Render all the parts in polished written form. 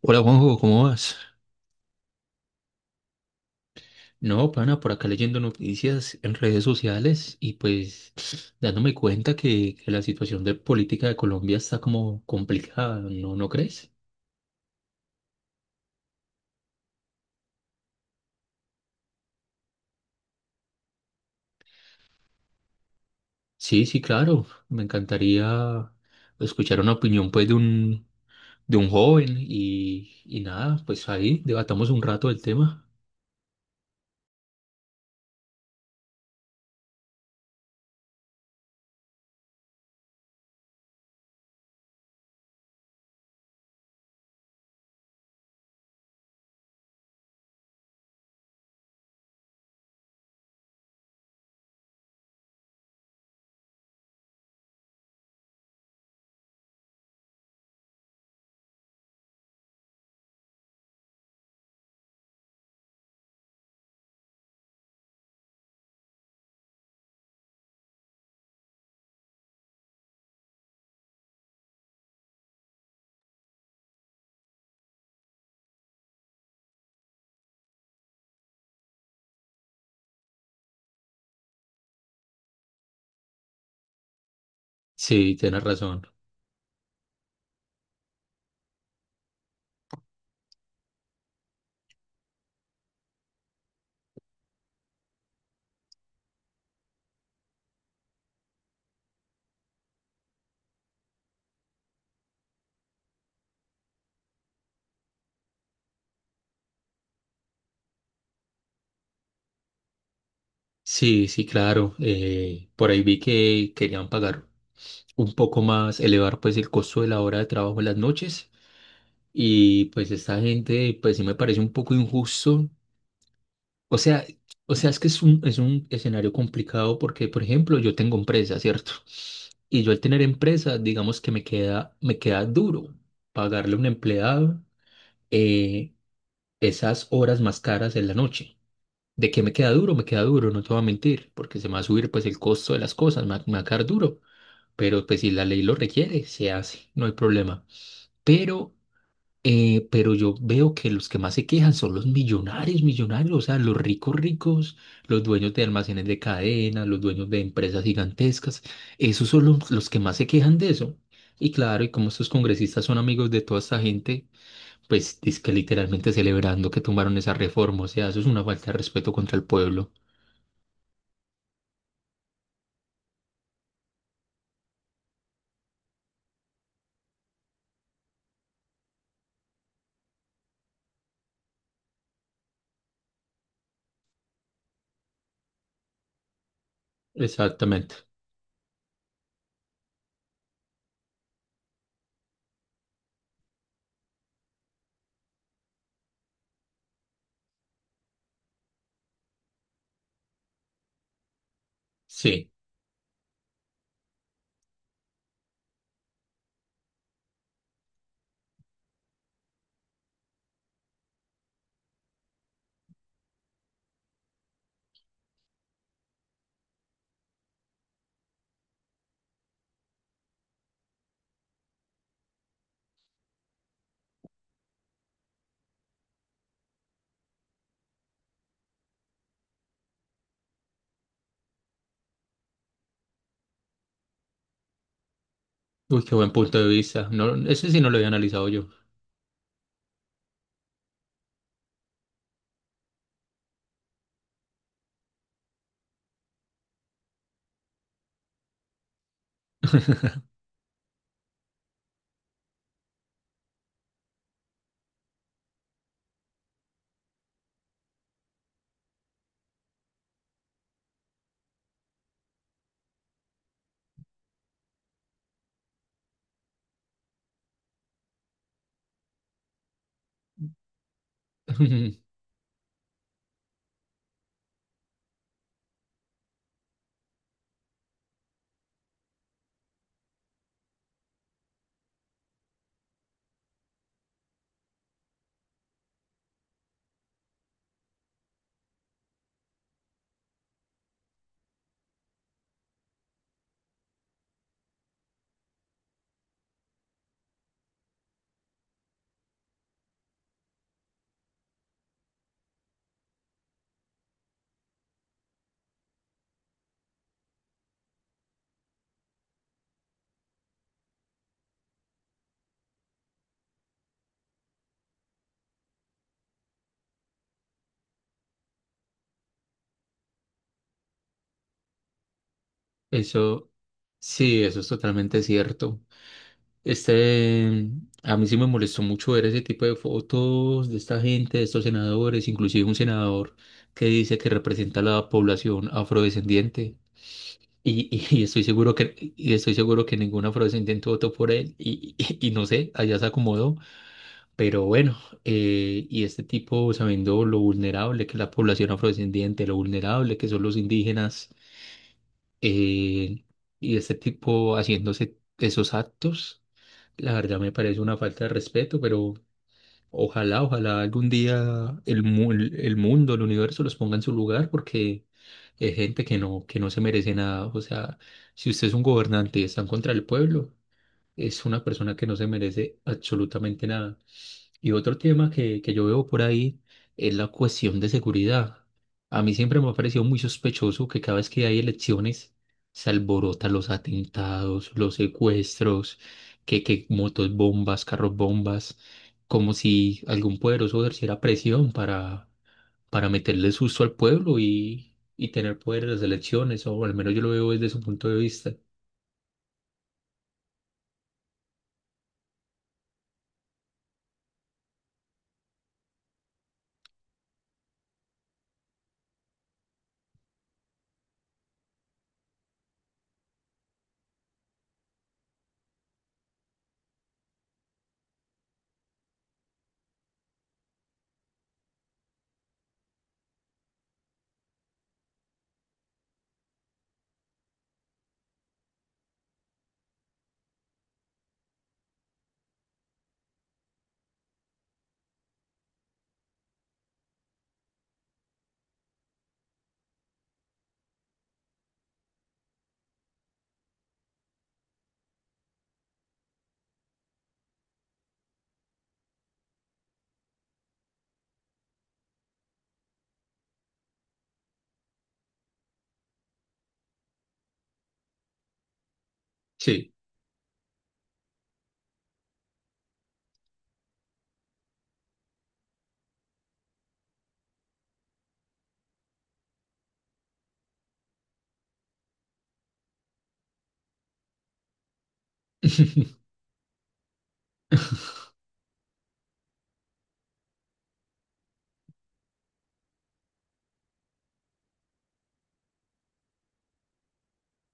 Hola Juanjo, ¿cómo vas? No, pana, por acá leyendo noticias en redes sociales y pues dándome cuenta que la situación de política de Colombia está como complicada, ¿no crees? Sí, sí, claro. Me encantaría escuchar una opinión pues de un joven y nada, pues ahí debatamos un rato el tema. Sí, tienes razón. Sí, sí, claro. Por ahí vi que querían pagar un poco más, elevar pues el costo de la hora de trabajo en las noches. Y pues esta gente, pues sí me parece un poco injusto. O sea, o sea, es que es un escenario complicado porque, por ejemplo, yo tengo empresa, ¿cierto? Y yo al tener empresa, digamos que me queda duro pagarle a un empleado eh, esas horas más caras en la noche. ¿De qué me queda duro? Me queda duro, no te voy a mentir, porque se me va a subir pues el costo de las cosas, me va a quedar duro. Pero pues si la ley lo requiere, se hace, no hay problema. Pero pero yo veo que los que más se quejan son los millonarios, millonarios, o sea, los ricos ricos, los dueños de almacenes de cadena, los dueños de empresas gigantescas, esos son los que más se quejan de eso. Y claro, y como estos congresistas son amigos de toda esta gente, pues es que literalmente celebrando que tumbaron esa reforma, o sea, eso es una falta de respeto contra el pueblo. Exactamente. Sí. Uy, qué buen punto de vista. No, ese sí no lo había analizado yo. Eso, sí, eso es totalmente cierto. Este, a mí sí me molestó mucho ver ese tipo de fotos de esta gente, de estos senadores, inclusive un senador que dice que representa a la población afrodescendiente. Y estoy seguro que, y estoy seguro que ningún afrodescendiente votó por él. Y no sé, allá se acomodó. Pero bueno, y este tipo sabiendo lo vulnerable que es la población afrodescendiente, lo vulnerable que son los indígenas, eh, y este tipo haciéndose esos actos. La verdad me parece una falta de respeto, pero ojalá, ojalá algún día el el mundo, el universo los ponga en su lugar porque es gente que no se merece nada. O sea, si usted es un gobernante y está en contra del pueblo, es una persona que no se merece absolutamente nada. Y otro tema que yo veo por ahí es la cuestión de seguridad. A mí siempre me ha parecido muy sospechoso que cada vez que hay elecciones se alborotan los atentados, los secuestros, que motos bombas, carros bombas, como si algún poderoso ejerciera presión para meterle susto al pueblo y tener poder en las elecciones, o al menos yo lo veo desde su punto de vista. Sí.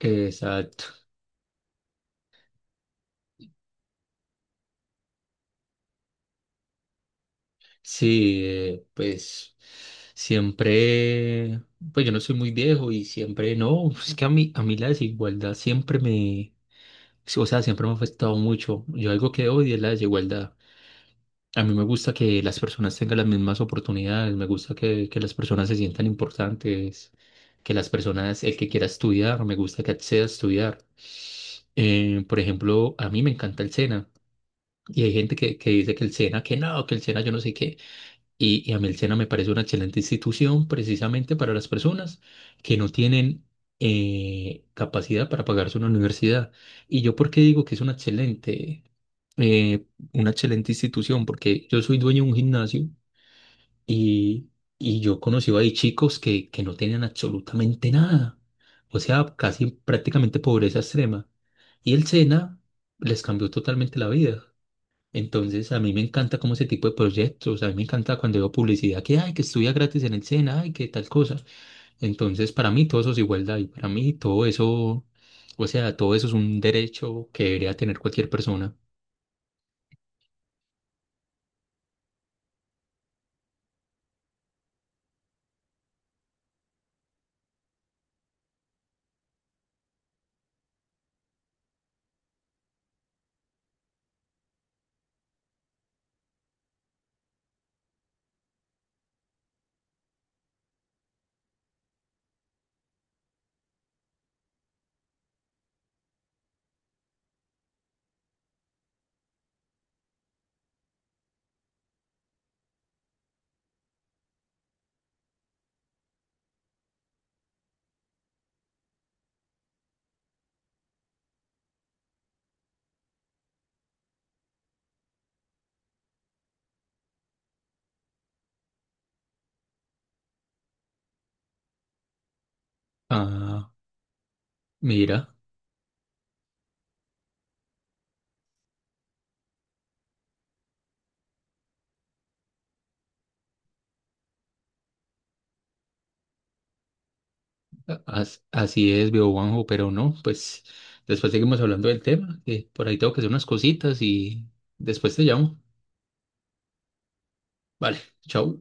Exacto. Sí, pues siempre, pues yo no soy muy viejo y siempre, no, es que a mí la desigualdad siempre me, sí, o sea, siempre me ha afectado mucho. Yo algo que odio es la desigualdad. A mí me gusta que las personas tengan las mismas oportunidades, me gusta que las personas se sientan importantes, que las personas, el que quiera estudiar, me gusta que acceda a estudiar. Por ejemplo, a mí me encanta el SENA y hay gente que dice que el SENA, que no, que el SENA yo no sé qué. Y a mí el SENA me parece una excelente institución precisamente para las personas que no tienen capacidad para pagarse una universidad. ¿Y yo por qué digo que es eh, una excelente institución? Porque yo soy dueño de un gimnasio y, y yo conocí ahí chicos que no tenían absolutamente nada. O sea, casi prácticamente pobreza extrema. Y el SENA les cambió totalmente la vida. Entonces, a mí me encanta como ese tipo de proyectos, a mí me encanta cuando veo publicidad que, ay, que estudia gratis en el SENA, ay, que tal cosa. Entonces, para mí todo eso es igualdad y para mí todo eso, o sea, todo eso es un derecho que debería tener cualquier persona. Ah, mira, así es, veo Juanjo, pero no, pues después seguimos hablando del tema, que por ahí tengo que hacer unas cositas y después te llamo. Vale, chao.